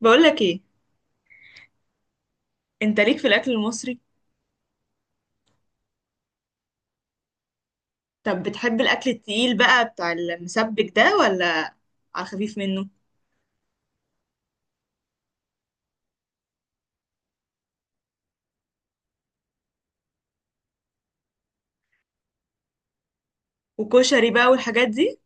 بقولك ايه؟ انت ليك في الاكل المصري؟ طب بتحب الاكل التقيل بقى بتاع المسبك ده ولا على الخفيف منه؟ وكشري بقى والحاجات دي.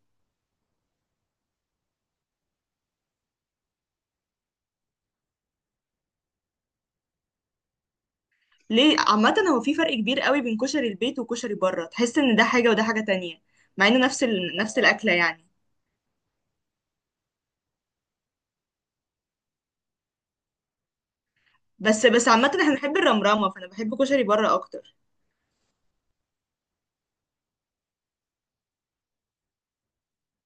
ليه؟ عامه هو في فرق كبير قوي بين كشري البيت وكشري بره، تحس ان ده حاجه وده حاجه تانية، مع انه نفس نفس الاكله يعني. بس عامه احنا بنحب الرمرامه، فانا بحب كشري بره اكتر.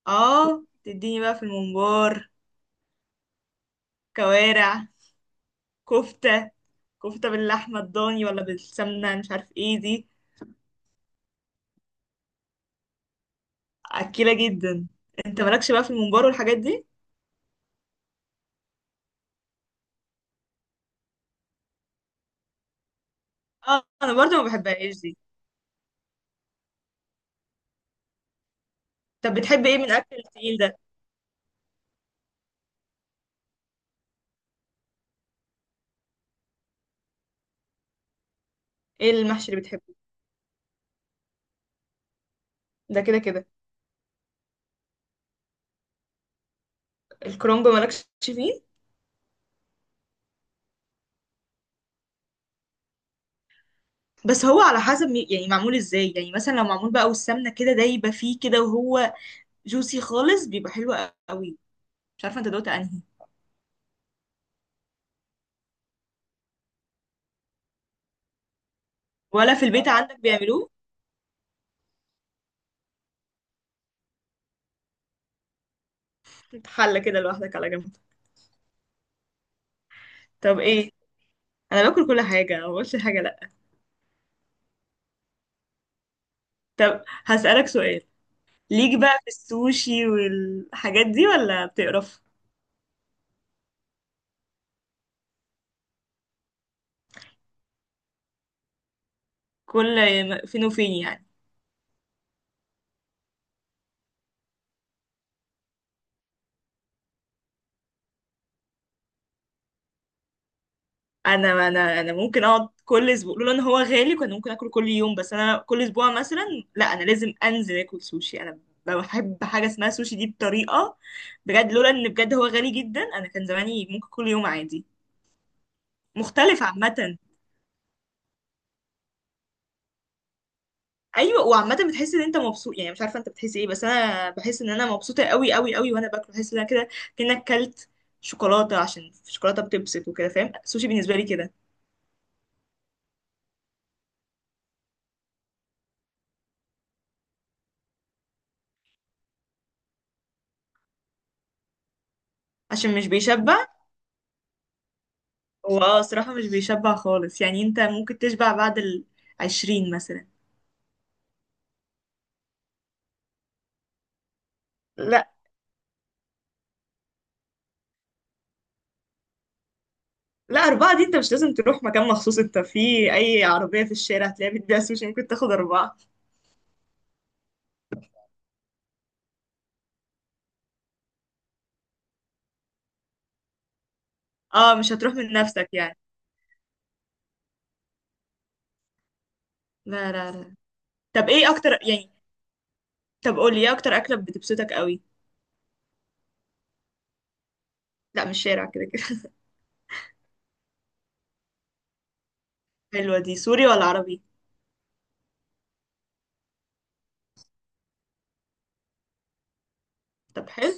اه، تديني بقى في الممبار، كوارع، كفته كفته باللحمه الضاني ولا بالسمنه مش عارف ايه دي. اكيله جدا. انت مالكش بقى في الممبار والحاجات دي؟ اه، انا برضو ما بحبهاش دي. طب بتحب ايه من الاكل التقيل ده؟ ايه المحشي اللي بتحبه؟ ده كده كده. الكرنب مالكش فيه؟ بس هو على حسب يعني معمول ازاي، يعني مثلا لو معمول بقى والسمنه كده دايبه فيه كده، وهو جوسي خالص، بيبقى حلو قوي. مش عارفه انت دوت انهي. ولا في البيت عندك بيعملوه؟ انت حله كده لوحدك على جنب؟ طب ايه، انا باكل كل حاجه، ما بقولش حاجه لا. طب هسألك سؤال، ليك بقى في السوشي والحاجات دي ولا بتقرف؟ كل فين وفين يعني. انا ممكن اقعد كل اسبوع، لولا ان هو غالي كان ممكن اكله كل يوم، بس انا كل اسبوع مثلا. لا، انا لازم انزل اكل سوشي، انا بحب حاجه اسمها سوشي دي بطريقه، بجد لولا ان بجد هو غالي جدا انا كان زماني ممكن كل يوم عادي. مختلف عامه. ايوه، وعامه بتحس ان انت مبسوط، يعني مش عارفه انت بتحس ايه، بس انا بحس ان انا مبسوطه قوي قوي قوي. وانا باكل بحس ان انا كده كانك كلت شوكولاته، عشان الشوكولاته بتبسط وكده، فاهم؟ السوشي بالنسبه لي كده. عشان مش بيشبع. هو الصراحة مش بيشبع خالص، يعني انت ممكن تشبع بعد 20 مثلا. لا، لا، أربعة دي انت مش لازم تروح مكان مخصوص، انت في أي عربية في الشارع هتلاقيها بتبيع سوشي، ممكن تاخد أربعة. اه، مش هتروح من نفسك يعني. لا، لا، لا. طب ايه أكتر يعني؟ طب قولي ايه أكتر أكلة بتبسطك قوي؟ لا، مش شارع، كده كده. حلوة دي، سوري ولا عربي؟ طب حلو.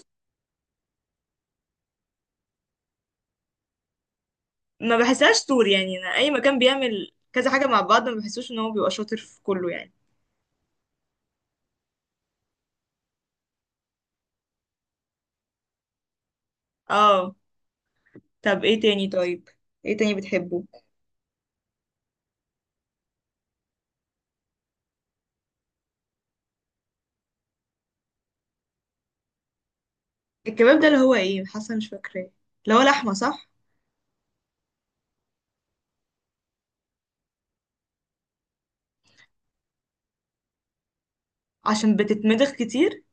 ما بحسهاش سوري، يعني أنا أي مكان بيعمل كذا حاجة مع بعض ما بحسوش إن هو بيبقى شاطر في كله يعني. اه، طب ايه تاني طيب؟ ايه تاني بتحبه؟ الكباب ده اللي هو ايه، حاسه مش فاكراه، اللي هو لحمه صح؟ عشان بتتمضغ كتير؟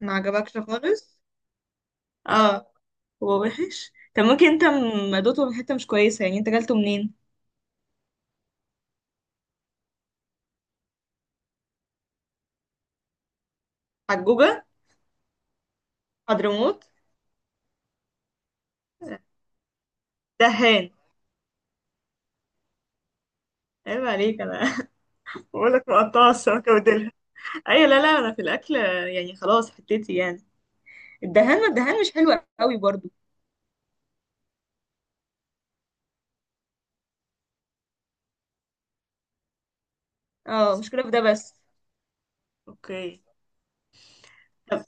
ما عجبكش خالص. اه، هو وحش. طب ممكن انت دوقته من حته مش كويسه، يعني انت جالته منين؟ حجوجه؟ حضرموت؟ دهان؟ عيب عليك انا. بقول لك مقطعه السمكه وديلها. ايوه، لا، لا، انا في الاكل يعني خلاص، حتتي يعني. الدهان، ما الدهان مش حلو قوي برضو. اه، مشكله في ده بس. اوكي. طب.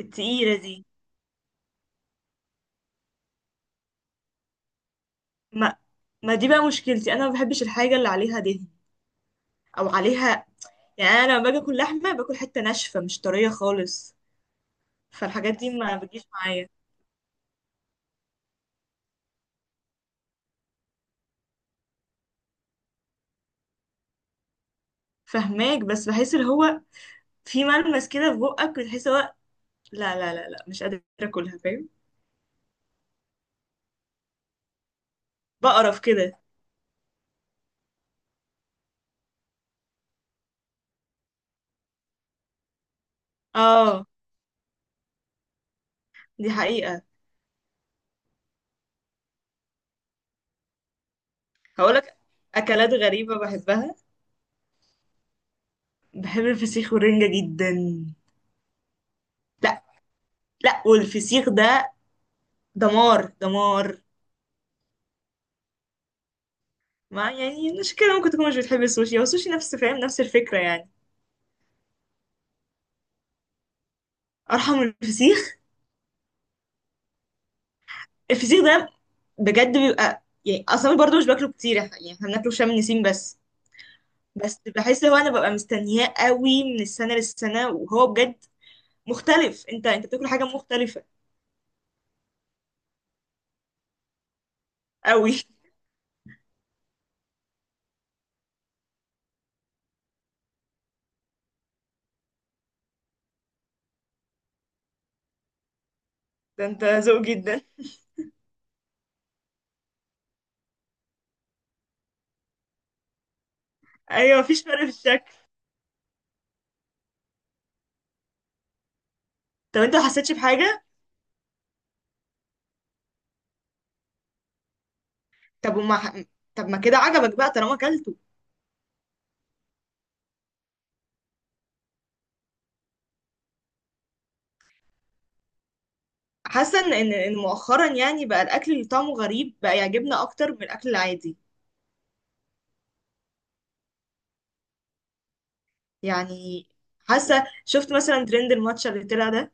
التقيله دي. ما ما دي بقى مشكلتي، انا ما بحبش الحاجه اللي عليها دهن او عليها. يعني انا لما باجي اكل لحمه، باكل حته ناشفه مش طريه خالص. فالحاجات دي ما بتجيش معايا. فهماك، بس بحس اللي هو في ملمس كده في بقك بتحس هو. لا، لا، لا، لا، مش قادره اكلها، فاهم؟ بقرف كده. اه، دي حقيقه. هقولك، اكلات غريبه بحبها. بحب الفسيخ والرنجه جدا. لا. لا، والفسيخ ده دمار دمار. ما يعني مش كده، ممكن تكون مش بتحب السوشي، هو السوشي نفس، فاهم؟ نفس الفكره يعني. ارحم من الفسيخ. الفسيخ ده بجد بيبقى يعني، اصلا برضو مش باكله كتير، يعني احنا بناكله في شم النسيم بس. بس بحس، هو انا ببقى مستنياه قوي من السنه للسنه، وهو بجد مختلف. انت بتاكل حاجه مختلفه قوي. ده انت ذوق جدا. ايوه، مفيش فرق في الشكل. طب انت ما حسيتش بحاجه؟ طب وما طب ما كده عجبك بقى طالما اكلته. حاسه ان ان إن مؤخرا يعني بقى الاكل اللي طعمه غريب بقى يعجبنا اكتر من الاكل العادي يعني. حاسه، شفت مثلا ترند الماتشا اللي طلع ده؟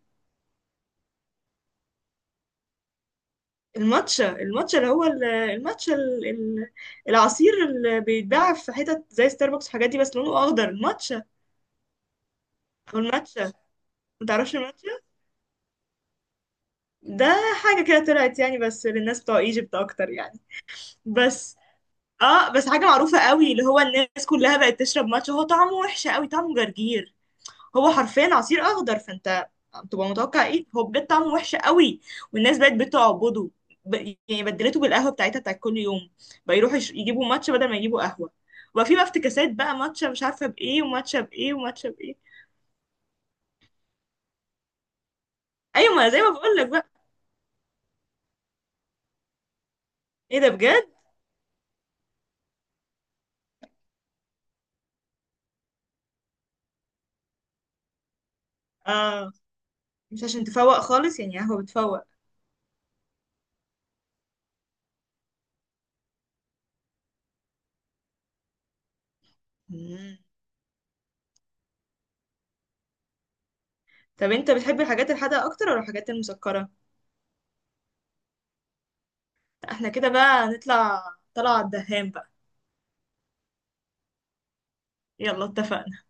الماتشا اللي هو العصير اللي بيتباع في حتت زي ستاربكس والحاجات دي، بس لونه اخضر، الماتشا او الماتشا. ما تعرفش الماتشا؟ ده حاجه كده طلعت يعني بس للناس بتوع ايجيبت اكتر يعني. بس. اه، بس حاجه معروفه قوي، اللي هو الناس كلها بقت تشرب ماتشا. هو طعمه وحش قوي، طعمه جرجير، هو حرفيا عصير اخضر. فانت بتبقى متوقع ايه؟ هو بجد طعمه وحش قوي، والناس بقت بتعبده. ب... يعني بدلته بالقهوه بتاعتها بتاعت كل يوم. بقى يروحوا يجيبوا ماتشا بدل ما يجيبوا قهوه. وبقى في بقى افتكاسات بقى، ماتشا مش عارفه بايه، وماتشا بايه، وماتشا بايه. ايوه، ما زي ما بقول لك بقى. ايه ده بجد. اه، مش عشان تفوق خالص يعني، قهوه بتفوق. مم. طب انت بتحب الحاجات الحادقه اكتر ولا الحاجات المسكره؟ احنا كده بقى نطلع طلعه على الدهان بقى. يلا، اتفقنا.